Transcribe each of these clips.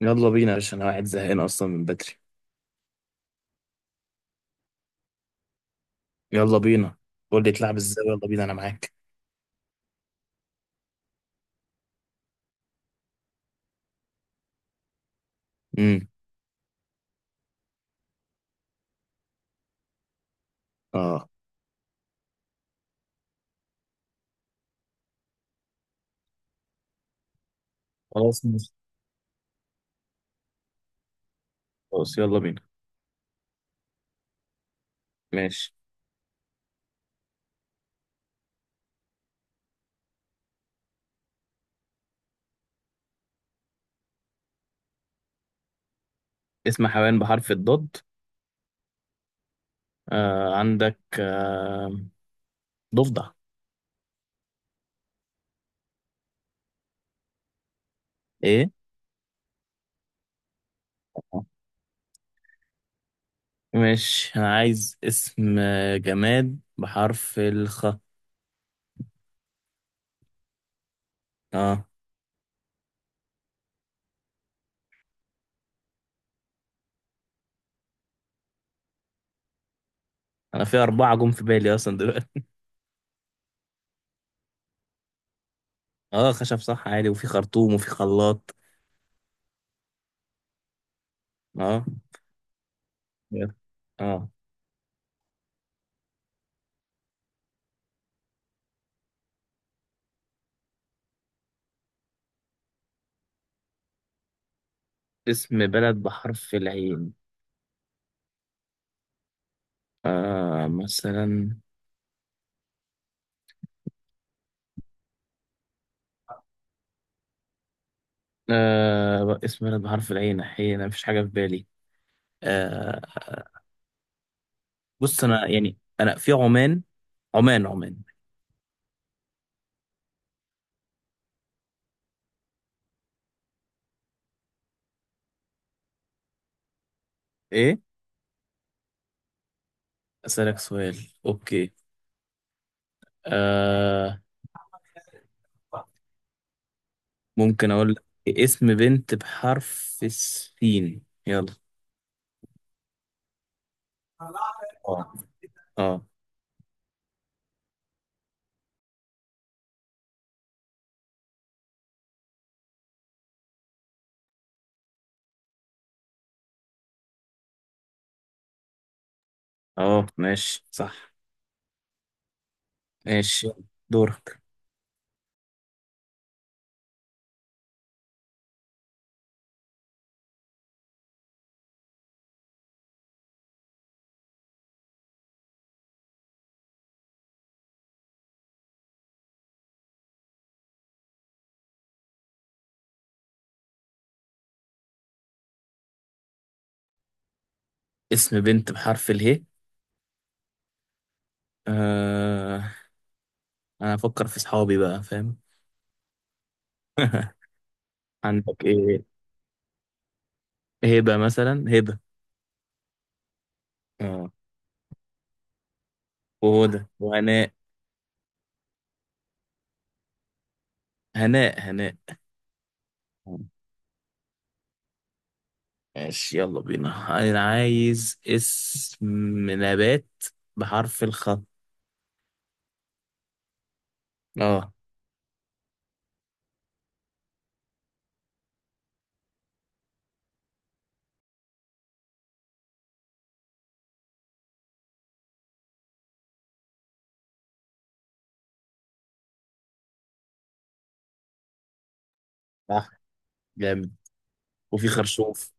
يلا بينا يا باشا، انا واحد زهقان اصلا من بدري. يلا بينا. قول لي تلعب ازاي، يلا بينا انا معاك. امم اه، خلاص ماشي. خلاص يلا بينا. ماشي. اسم حيوان بحرف الضاد. آه، عندك، ضفدع. ايه. ماشي، انا عايز اسم جماد بحرف الخ. اه. انا في اربعة جم في بالي اصلا دلوقتي. اه، خشب صح عادي، وفي خرطوم وفي خلاط. اه، يلا. اه. اسم بلد بحرف العين. مثلا. اسم بلد بحرف العين، حين مفيش حاجة في بالي. آه بص، أنا يعني أنا في عمان. عمان عمان. إيه. أسألك سؤال. أوكي. آه ممكن أقول لك اسم بنت بحرف السين، يلا. اه، اه. اه ماشي، صح. ماشي، دورك. اسم بنت بحرف اله. آه أنا أفكر في صحابي بقى، فاهم؟ عندك إيه؟ هبة مثلا، هبة. اه، وهدى وهناء، هناء هناء. ماشي يلا بينا، انا عايز اسم نبات بحرف الخاء. اه صح، جامد، وفي خرشوف.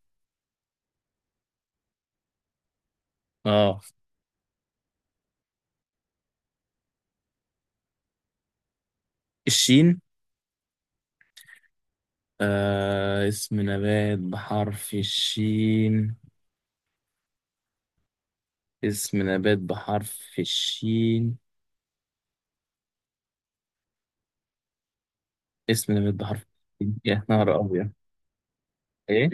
اه. الشين. اسم نبات بحرف الشين. اسم نبات بحرف الشين. اسم نبات بحرف الشين، يا نهار ابيض. ايه،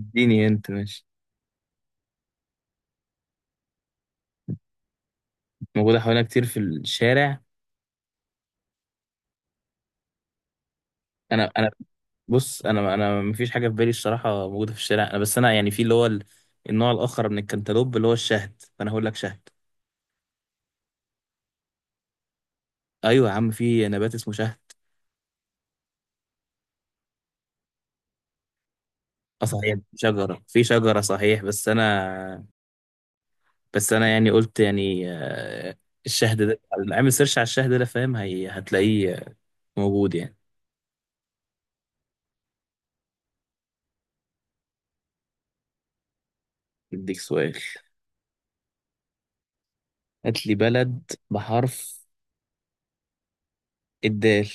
اديني انت ماشي. موجوده حوالينا كتير في الشارع. انا بص، انا مفيش حاجه في بالي الصراحه، موجوده في الشارع، انا بس، انا يعني، في اللي هو النوع الاخر من الكنتالوب اللي هو الشهد، فانا هقول لك شهد. ايوه يا عم، في نبات اسمه شهد. اه صحيح، في شجره، صحيح، بس انا يعني قلت يعني، الشهد ده. اعمل سيرش على الشهد ده، فاهم؟ هتلاقيه موجود يعني. اديك سؤال. هات لي بلد بحرف الدال.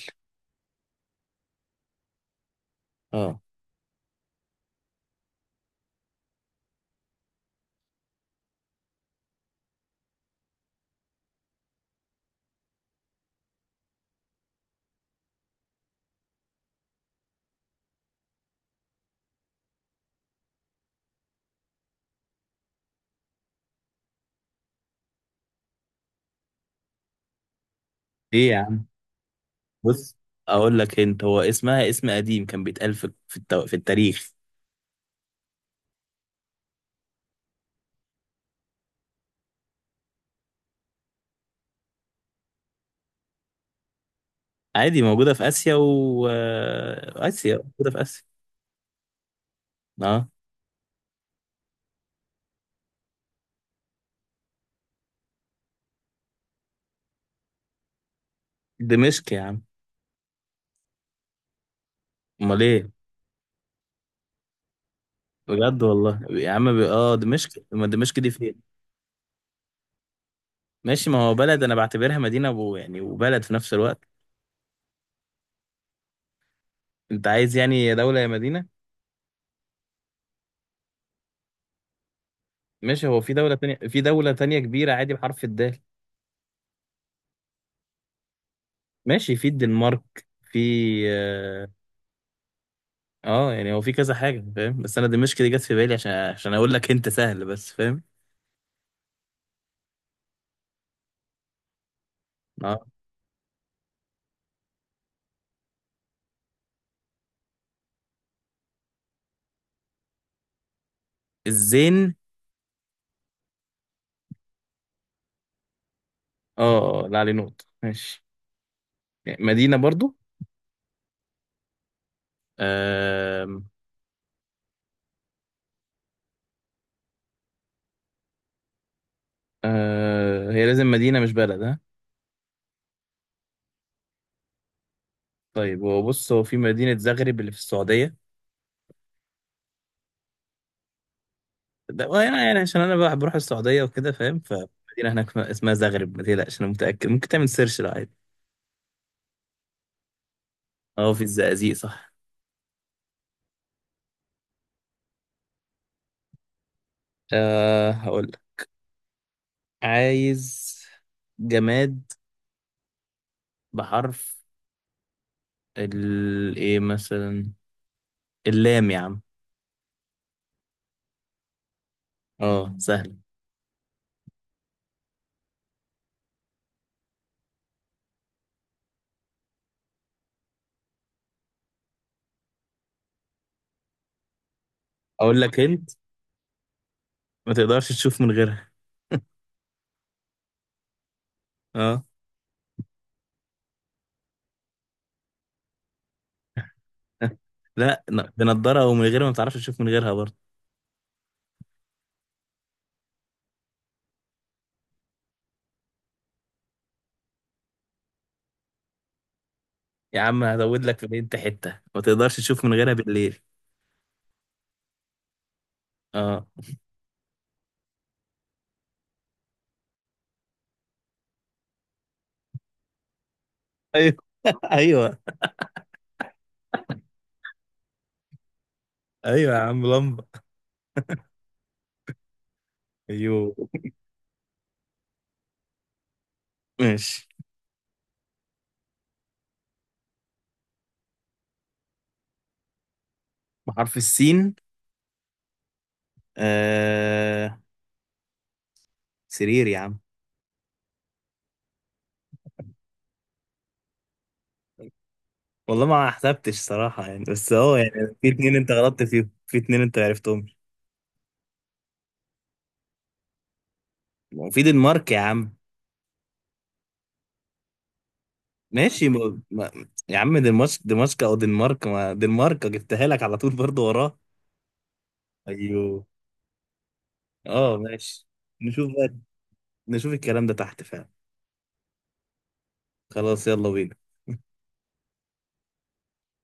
اه. ايه يا عم، بص اقول لك انت، هو اسمها اسم قديم كان بيتقال في التاريخ. عادي، موجودة في آسيا، و آسيا، موجودة في آسيا. اه، دمشق يا عم. امال ايه؟ بجد والله يا عم، اه دمشق، ما دمشق دي فين. ماشي، ما هو بلد، انا بعتبرها مدينة يعني وبلد في نفس الوقت. انت عايز يعني يا دولة يا مدينة. ماشي، هو في دولة تانية كبيرة عادي بحرف الدال. ماشي، في الدنمارك. في، اه. يعني هو في كذا حاجة فاهم، بس انا دمشق دي جت في بالي عشان اقول لك انت سهل، بس فاهم. اه، الزين. اه، لا، عليه نقطة، ماشي. مدينة برضو. آم، آه، هي لازم مدينة مش بلد، ها. طيب، هو بص، هو في مدينة زغرب اللي في السعودية. ده يعني عشان أنا بقى بروح السعودية وكده فاهم، فمدينة هناك اسمها زغرب، ما تقلقش، أنا متأكد، ممكن تعمل سيرش لو عادي. أه، في الزقازيق صح. أه، هقول لك، عايز جماد بحرف ال إيه مثلا، اللام يا عم. أه سهل. أقول لك أنت، ما تقدرش تشوف من غيرها. أه لا، بنضاره ومن غيرها ما بتعرفش تشوف من غيرها برضه. يا عم، هزود لك في الهنت، حته ما تقدرش تشوف من غيرها بالليل. اه. ايوه. ايوه، ايوه يا عم، لمبه. ايوه. ماشي. بحرف السين. آه... سرير يا عم. والله ما حسبتش صراحة يعني، بس هو يعني في اتنين انت غلطت فيهم، في اتنين انت عرفتهم. وفي دنمارك يا عم. ماشي. ما... ما... يا عم دنمارك، دمشق او دنمارك، ما دنمارك جبتها لك على طول برضه وراه. ايوه. اه ماشي. نشوف بقى نشوف الكلام ده تحت فعلا. خلاص يلا بينا.